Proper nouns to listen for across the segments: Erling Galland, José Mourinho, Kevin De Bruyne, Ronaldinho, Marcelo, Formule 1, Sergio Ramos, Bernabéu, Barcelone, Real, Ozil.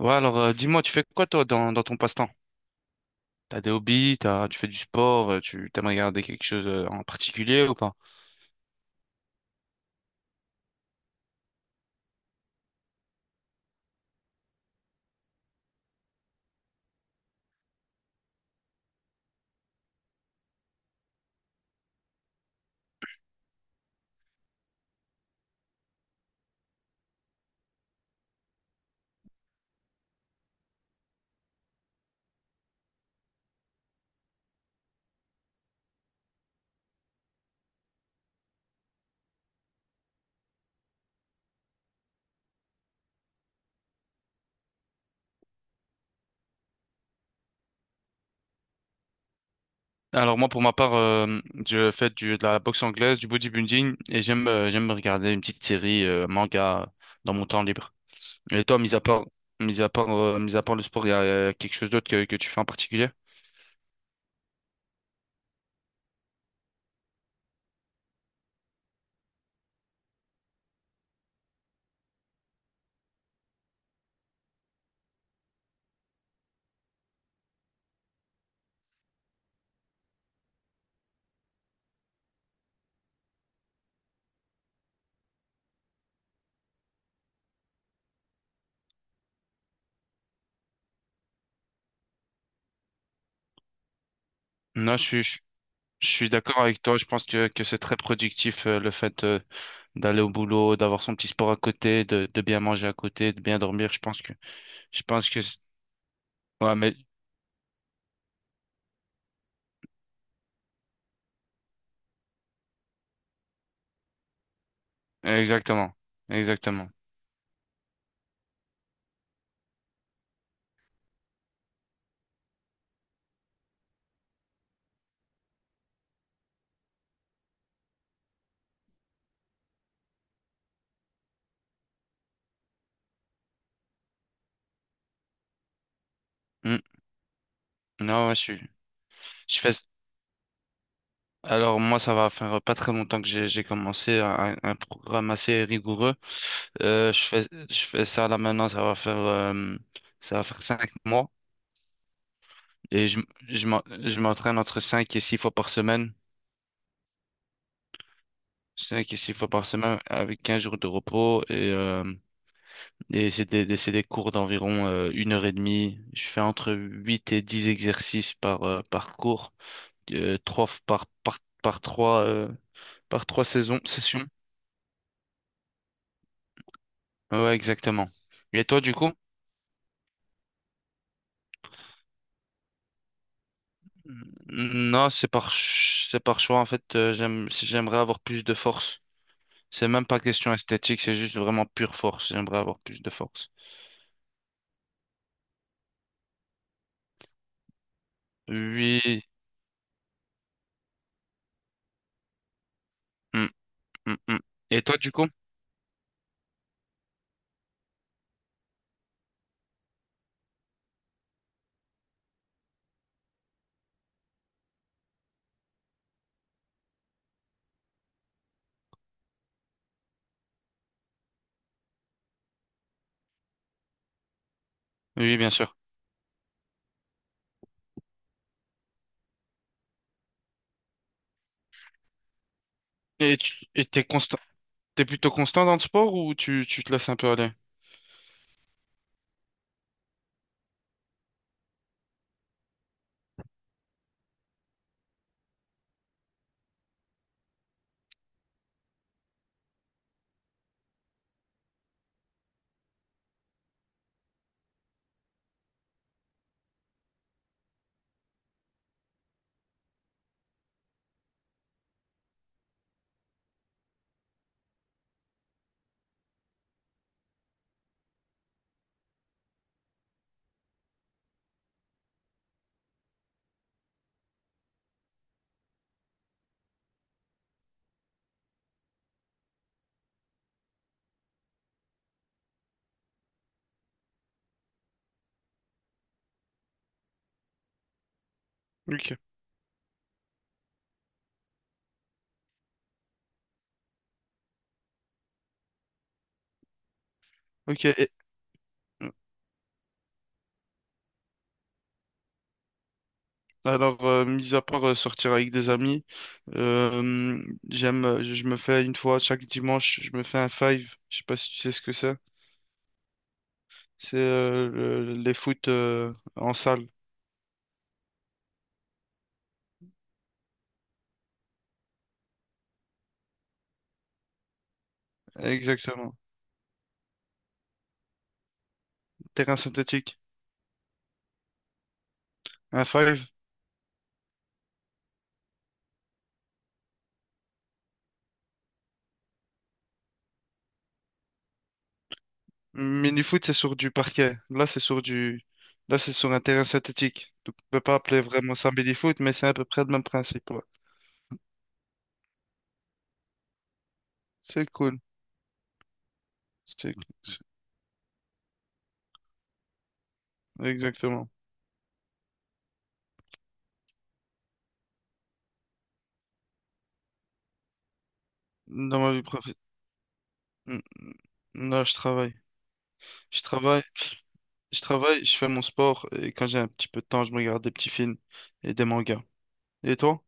Ouais, alors dis-moi, tu fais quoi toi dans ton passe-temps? T'as des hobbies, tu fais du sport, tu t'aimes regarder quelque chose en particulier ou pas? Alors moi, pour ma part, je fais de la boxe anglaise, du bodybuilding et j'aime regarder une petite série manga dans mon temps libre. Et toi, mis à part le sport, il y a quelque chose d'autre que tu fais en particulier? Non, je suis d'accord avec toi. Je pense que c'est très productif le fait, d'aller au boulot, d'avoir son petit sport à côté, de bien manger à côté, de bien dormir. Je pense que je pense Ouais, mais... Exactement. Exactement. Hmm. Non, ouais, je suis... Je fais... Alors moi, ça va faire pas très longtemps que j'ai commencé un programme assez rigoureux. Je fais ça là maintenant, ça va faire cinq mois. Et je m'entraîne entre cinq et six fois par semaine. Cinq et six fois par semaine avec 15 jours de repos. Et c'est des, c'est des cours d'environ une heure et demie. Je fais entre 8 et 10 exercices par cours. Trois f- par, par, par trois saisons, sessions. Ouais, exactement. Et toi, du coup? Non, c'est par choix. En fait, j'aimerais avoir plus de force. C'est même pas question esthétique, c'est juste vraiment pure force. J'aimerais avoir plus de force. Oui. Mm, mm, mm. Et toi, du coup? Oui, bien sûr. Et t'es constant, t'es plutôt constant dans le sport ou tu te laisses un peu aller? Ok. Ok. Alors, mis à part sortir avec des amis, euh, je me fais une fois chaque dimanche, je me fais un five. Je sais pas si tu sais ce que c'est. C'est les foot en salle. Exactement. Terrain synthétique. Un five. Mini-foot, c'est sur du parquet. Là, là, c'est sur un terrain synthétique. Donc, on peut pas appeler vraiment ça mini-foot, mais c'est à peu près le même principe. Ouais. C'est cool. C'est, c'est- exactement. Dans ma vie professionnelle, non, je travaille. Je travaille. Je travaille, je fais mon sport et quand j'ai un petit peu de temps, je me regarde des petits films et des mangas. Et toi?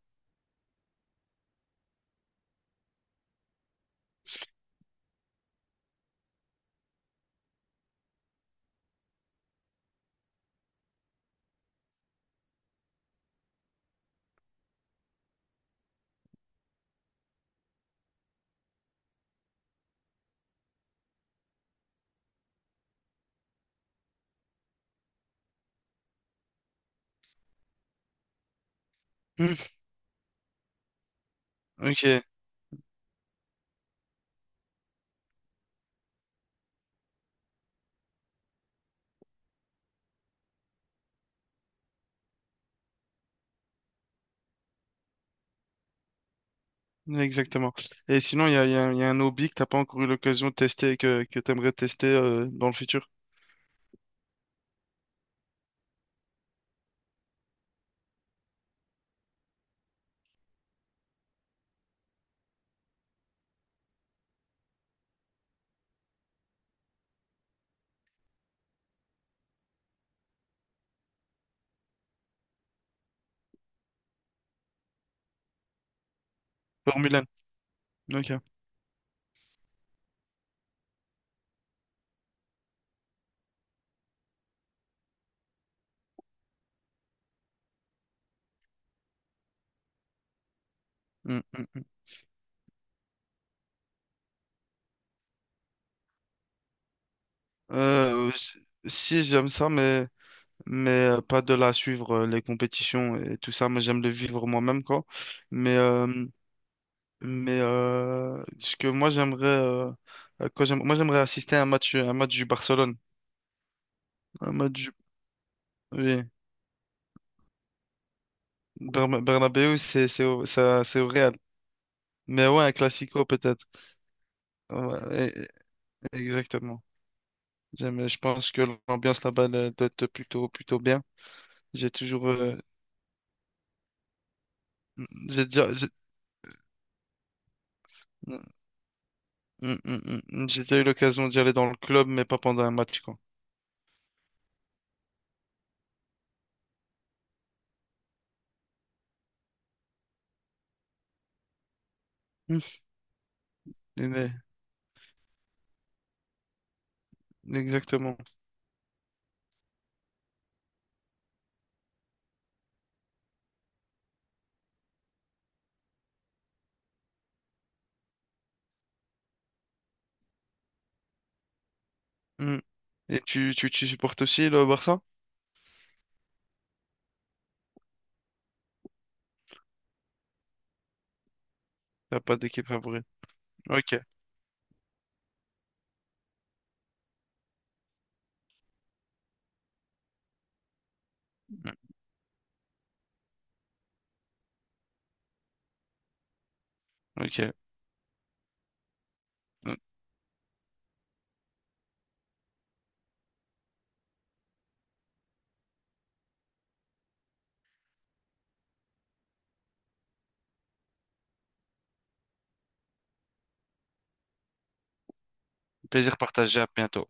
Hmm, ok, exactement. Et sinon, il y a un il y a un hobby que t'as pas encore eu l'occasion de tester et que t'aimerais tester dans le futur? Formule 1. Ok. Hmm, hmm. Euh, s- si j'aime ça, mais pas de la suivre les compétitions et tout ça. Moi, j'aime le vivre moi-même, quoi. Mais euh, mais ce que moi j'aimerais quand j'aime- moi j'aimerais assister à un match du Barcelone. Un match Oui, Bernabéu, c'est au Real. Mais ouais, un classico peut-être. Ouais, e- e- exactement. Je pense que l'ambiance là-bas elle doit être plutôt bien. J'ai toujours, j'ai déjà, j'ai Mm, mm, mm, mm. J'ai déjà eu l'occasion d'y aller dans le club, mais pas pendant un match, quoi. Mm. Et- mais- Exactement. Mm. Et tu supportes aussi le Barça? T'as pas d'équipe favorite. Ok, ok. Mm. Plaisir partagé, à bientôt.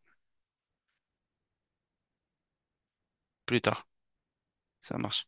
Plus tard, ça marche.